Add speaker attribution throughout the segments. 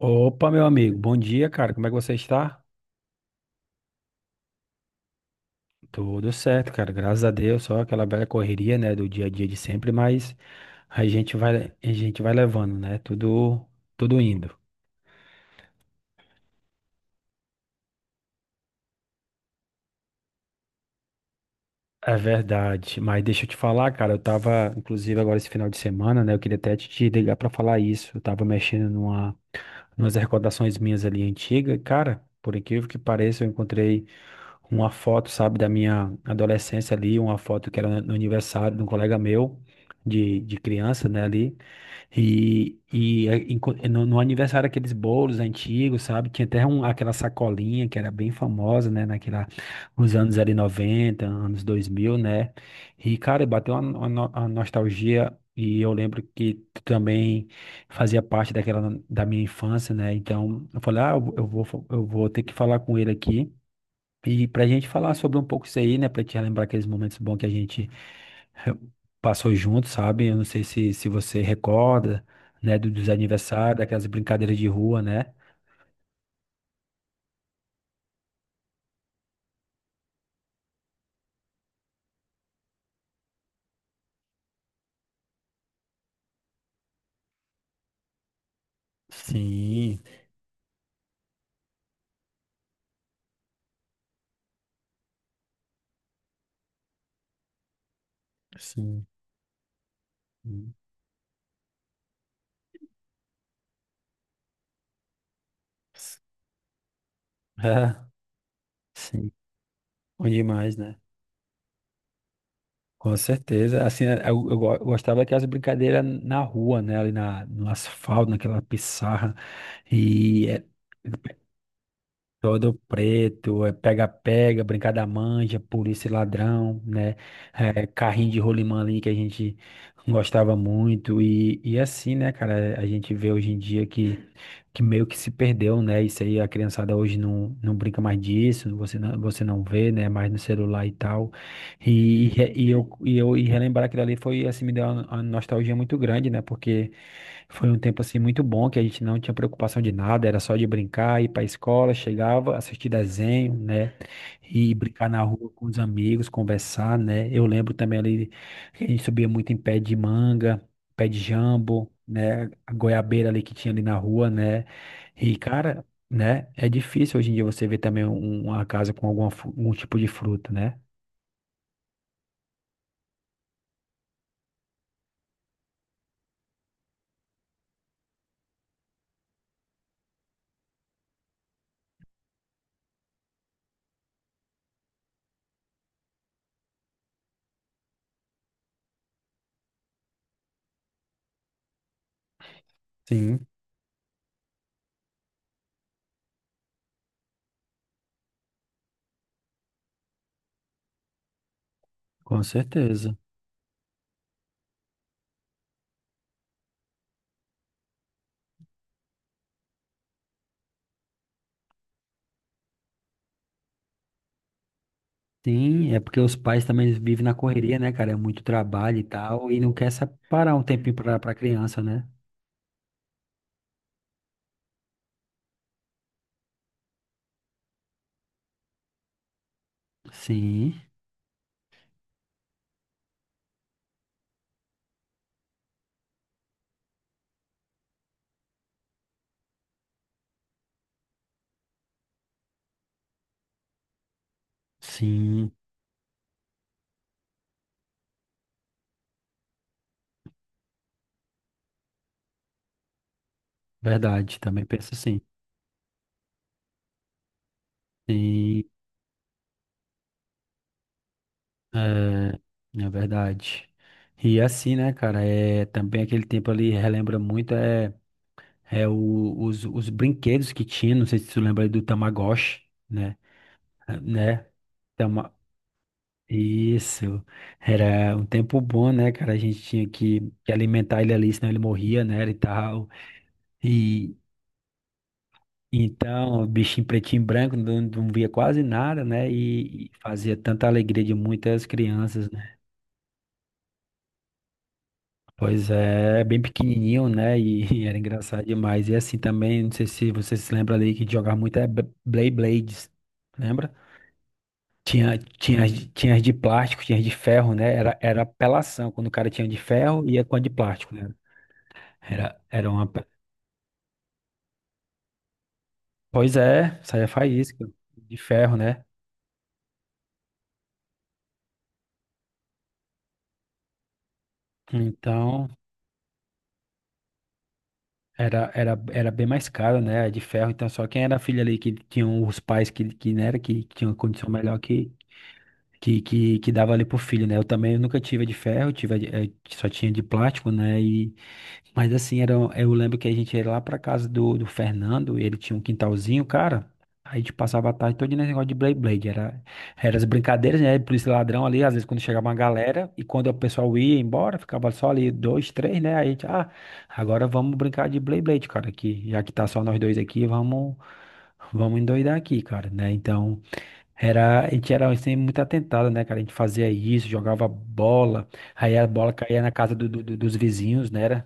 Speaker 1: Opa, meu amigo, bom dia, cara. Como é que você está? Tudo certo, cara. Graças a Deus, só aquela velha correria, né, do dia a dia de sempre, mas a gente vai levando, né? Tudo indo. É verdade. Mas deixa eu te falar, cara, eu tava, inclusive, agora esse final de semana, né? Eu queria até te ligar pra falar isso. Eu tava mexendo umas recordações minhas ali antigas, e, cara. Por incrível que pareça, eu encontrei uma foto, sabe, da minha adolescência ali, uma foto que era no aniversário de um colega meu, de criança, né, ali. E no aniversário, aqueles bolos antigos, sabe, tinha até um, aquela sacolinha que era bem famosa, né, naquela, nos anos ali 90, anos 2000, né, e, cara, bateu uma, no- uma nostalgia. E eu lembro que tu também fazia parte daquela da minha infância, né? Então, eu falei, ah, eu vou ter que falar com ele aqui e para a gente falar sobre um pouco isso aí, né? Para te relembrar aqueles momentos bons que a gente eh, passou junto, sabe? Eu não sei se você recorda, né? Dos aniversários, daquelas brincadeiras de rua, né? Sim, sim. Hum. É. Sim. Bom demais, né? Com certeza. Assim, eu gostava daquelas brincadeiras na rua, né? Ali no asfalto, naquela pissarra. E eh, todo preto, é pega-pega, brincar da manja, polícia e ladrão, né? É, carrinho de rolimã ali que a gente gostava muito. E assim, né, cara, a gente vê hoje em dia que meio que se perdeu, né? Isso aí a criançada hoje não brinca mais disso, você não vê, né? Mais no celular e tal. E relembrar aquilo ali foi, assim, me deu uma nostalgia muito grande, né? Porque foi um tempo, assim, muito bom, que a gente não tinha preocupação de nada, era só de brincar, ir pra escola, chegava, assistir desenho, né? E brincar na rua com os amigos, conversar, né? Eu lembro também ali que a gente subia muito em pé de manga, pé de jambo, né? A goiabeira ali que tinha ali na rua, né? E, cara, né? É difícil hoje em dia você ver também um- uma casa com algum tipo de fruta, né? Sim, com certeza. Sim, é porque os pais também eles vivem na correria, né, cara? É muito trabalho e tal, e não quer separar um tempinho pra criança, né? Sim, sim, verdade. Também penso assim. Sim, é, é verdade. E assim, né, cara? É, também aquele tempo ali relembra muito os brinquedos que tinha. Não sei se tu lembra aí do Tamagotchi, né? né? Então, isso. Era um tempo bom, né, cara? A gente tinha que alimentar ele ali, senão ele morria, né? E tal. E então, o bichinho pretinho e branco, não via quase nada, né? E fazia tanta alegria de muitas crianças, né? Pois é, é bem pequenininho, né? E, e era engraçado demais. E assim também, não sei se você se lembra ali que jogava muito Beyblades. Lembra? Tinha as de plástico, tinha as de ferro, né? Era apelação. Quando o cara tinha de ferro, ia com a de plástico, né? Era, era uma. pe- Pois é, saía faísca de ferro, né? Então, era bem mais cara, né? A de ferro. Então, só quem era filho ali que tinham os pais que tinham condição melhor que dava ali pro filho, né? Eu também nunca tive a de ferro, tive só tinha de plástico, né? Mas assim, era, eu lembro que a gente ia lá pra casa do Fernando, ele tinha um quintalzinho, cara. Aí a gente passava a tarde todo nesse negócio de Blade Blade. Era as brincadeiras, né? Polícia e ladrão ali, às vezes quando chegava uma galera, e quando o pessoal ia embora, ficava só ali dois, três, né? Aí a gente, ah, agora vamos brincar de Blade Blade, cara, aqui. Já que tá só nós dois aqui, vamos endoidar aqui, cara, né? Então, a gente era assim, muito atentado, né, cara? A gente fazia isso, jogava bola, aí a bola caía na casa dos vizinhos, né?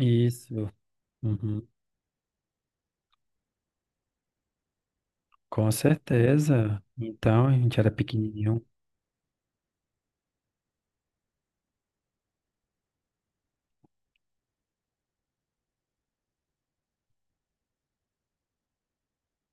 Speaker 1: Isso. Uhum. Com certeza. Então, a gente era pequenininho.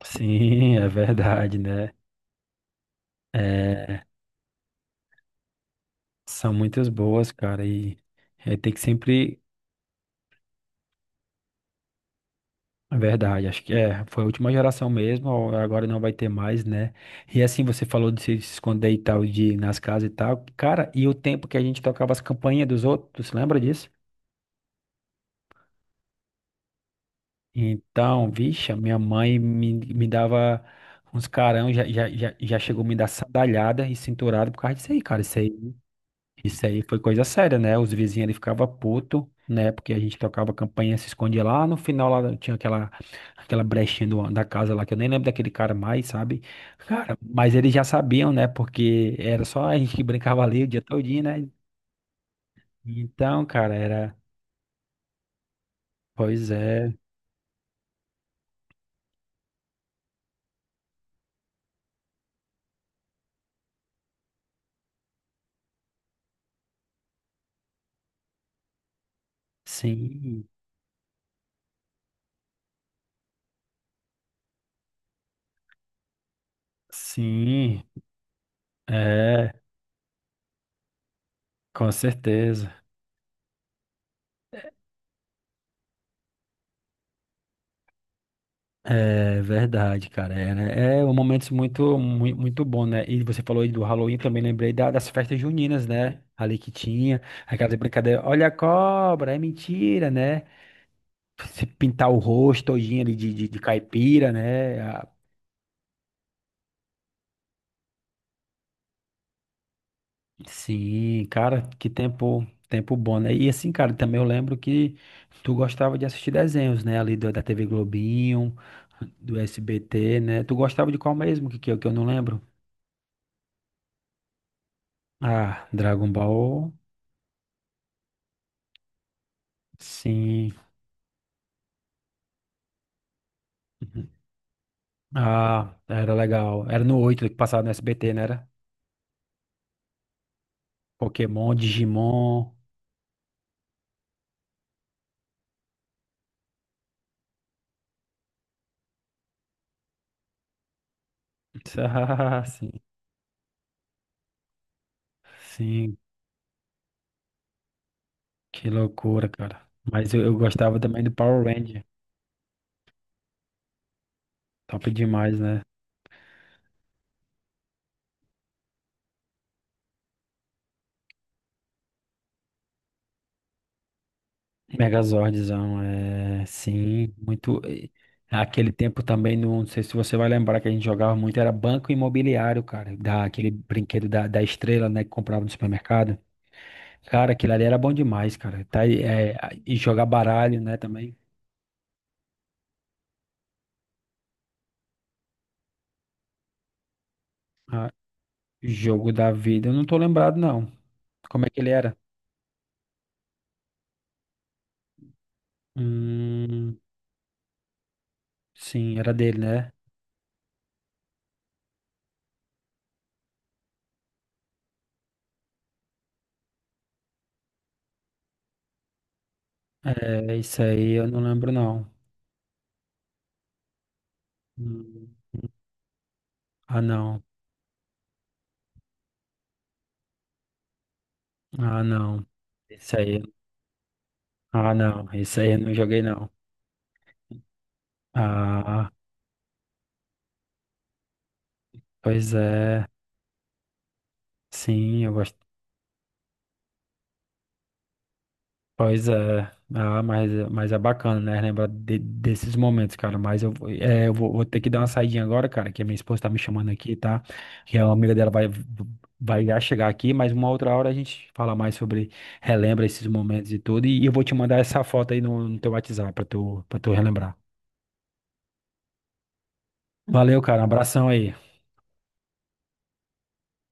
Speaker 1: Sim, é verdade, né? É, são muitas boas, cara, e tem que sempre. É verdade, acho que foi a última geração mesmo, ou agora não vai ter mais, né? E assim, você falou de se esconder e tal, de ir nas casas e tal. Cara, e o tempo que a gente tocava as campainhas dos outros, lembra disso? Então, vixe, a minha mãe me dava uns carão, já chegou a me dar sandalhada e cinturada por causa disso aí, cara. Isso aí foi coisa séria, né? Os vizinhos ele ficava puto, né? Porque a gente tocava campainha, se escondia lá. No final lá tinha aquela brechinha da casa lá, que eu nem lembro daquele cara mais, sabe? Cara, mas eles já sabiam, né? Porque era só a gente que brincava ali o dia todinho, né? Então, cara, era. Pois é, sim, sim. É. Com certeza. É verdade, cara. É, né? É um momento muito, muito, muito bom, né? E você falou aí do Halloween, também lembrei das festas juninas, né? Ali que tinha, aquelas brincadeiras, olha a cobra, é mentira, né? Se pintar o rosto todinho ali de caipira, né? Ah, sim, cara, que tempo, tempo bom, né? E assim, cara, também eu lembro que tu gostava de assistir desenhos, né? Ali da TV Globinho, do SBT, né? Tu gostava de qual mesmo? Que eu não lembro. Ah, Dragon Ball, sim. Uhum. Ah, era legal. Era no 8 que passava no SBT, né? Era Pokémon, Digimon. Ah, sim. Sim, que loucura, cara. Mas eu gostava também do Power Ranger. Top demais, né? Megazordzão, é. Sim, muito. Aquele tempo também, não sei se você vai lembrar que a gente jogava muito, era Banco Imobiliário, cara. Aquele brinquedo da estrela, né? Que comprava no supermercado. Cara, aquilo ali era bom demais, cara. Tá, aí, é, e jogar baralho, né, também. Ah, jogo da vida. Eu não tô lembrado, não. Como é que ele era? Hum, sim, era dele, né? É, isso aí eu não lembro, não. Hum, ah, não. Ah, não. Isso aí. Ah, não. Isso aí eu não joguei, não. Ah, pois é. Sim, eu gosto. Pois é, ah, mas é bacana, né? Lembrar desses momentos, cara. Mas eu vou ter que dar uma saidinha agora, cara, que a minha esposa tá me chamando aqui, tá? Que a amiga dela vai já chegar aqui, mas uma outra hora a gente fala mais sobre, relembra esses momentos e tudo. E, eu vou te mandar essa foto aí no teu WhatsApp pra tu relembrar. Valeu, cara. Um abração aí.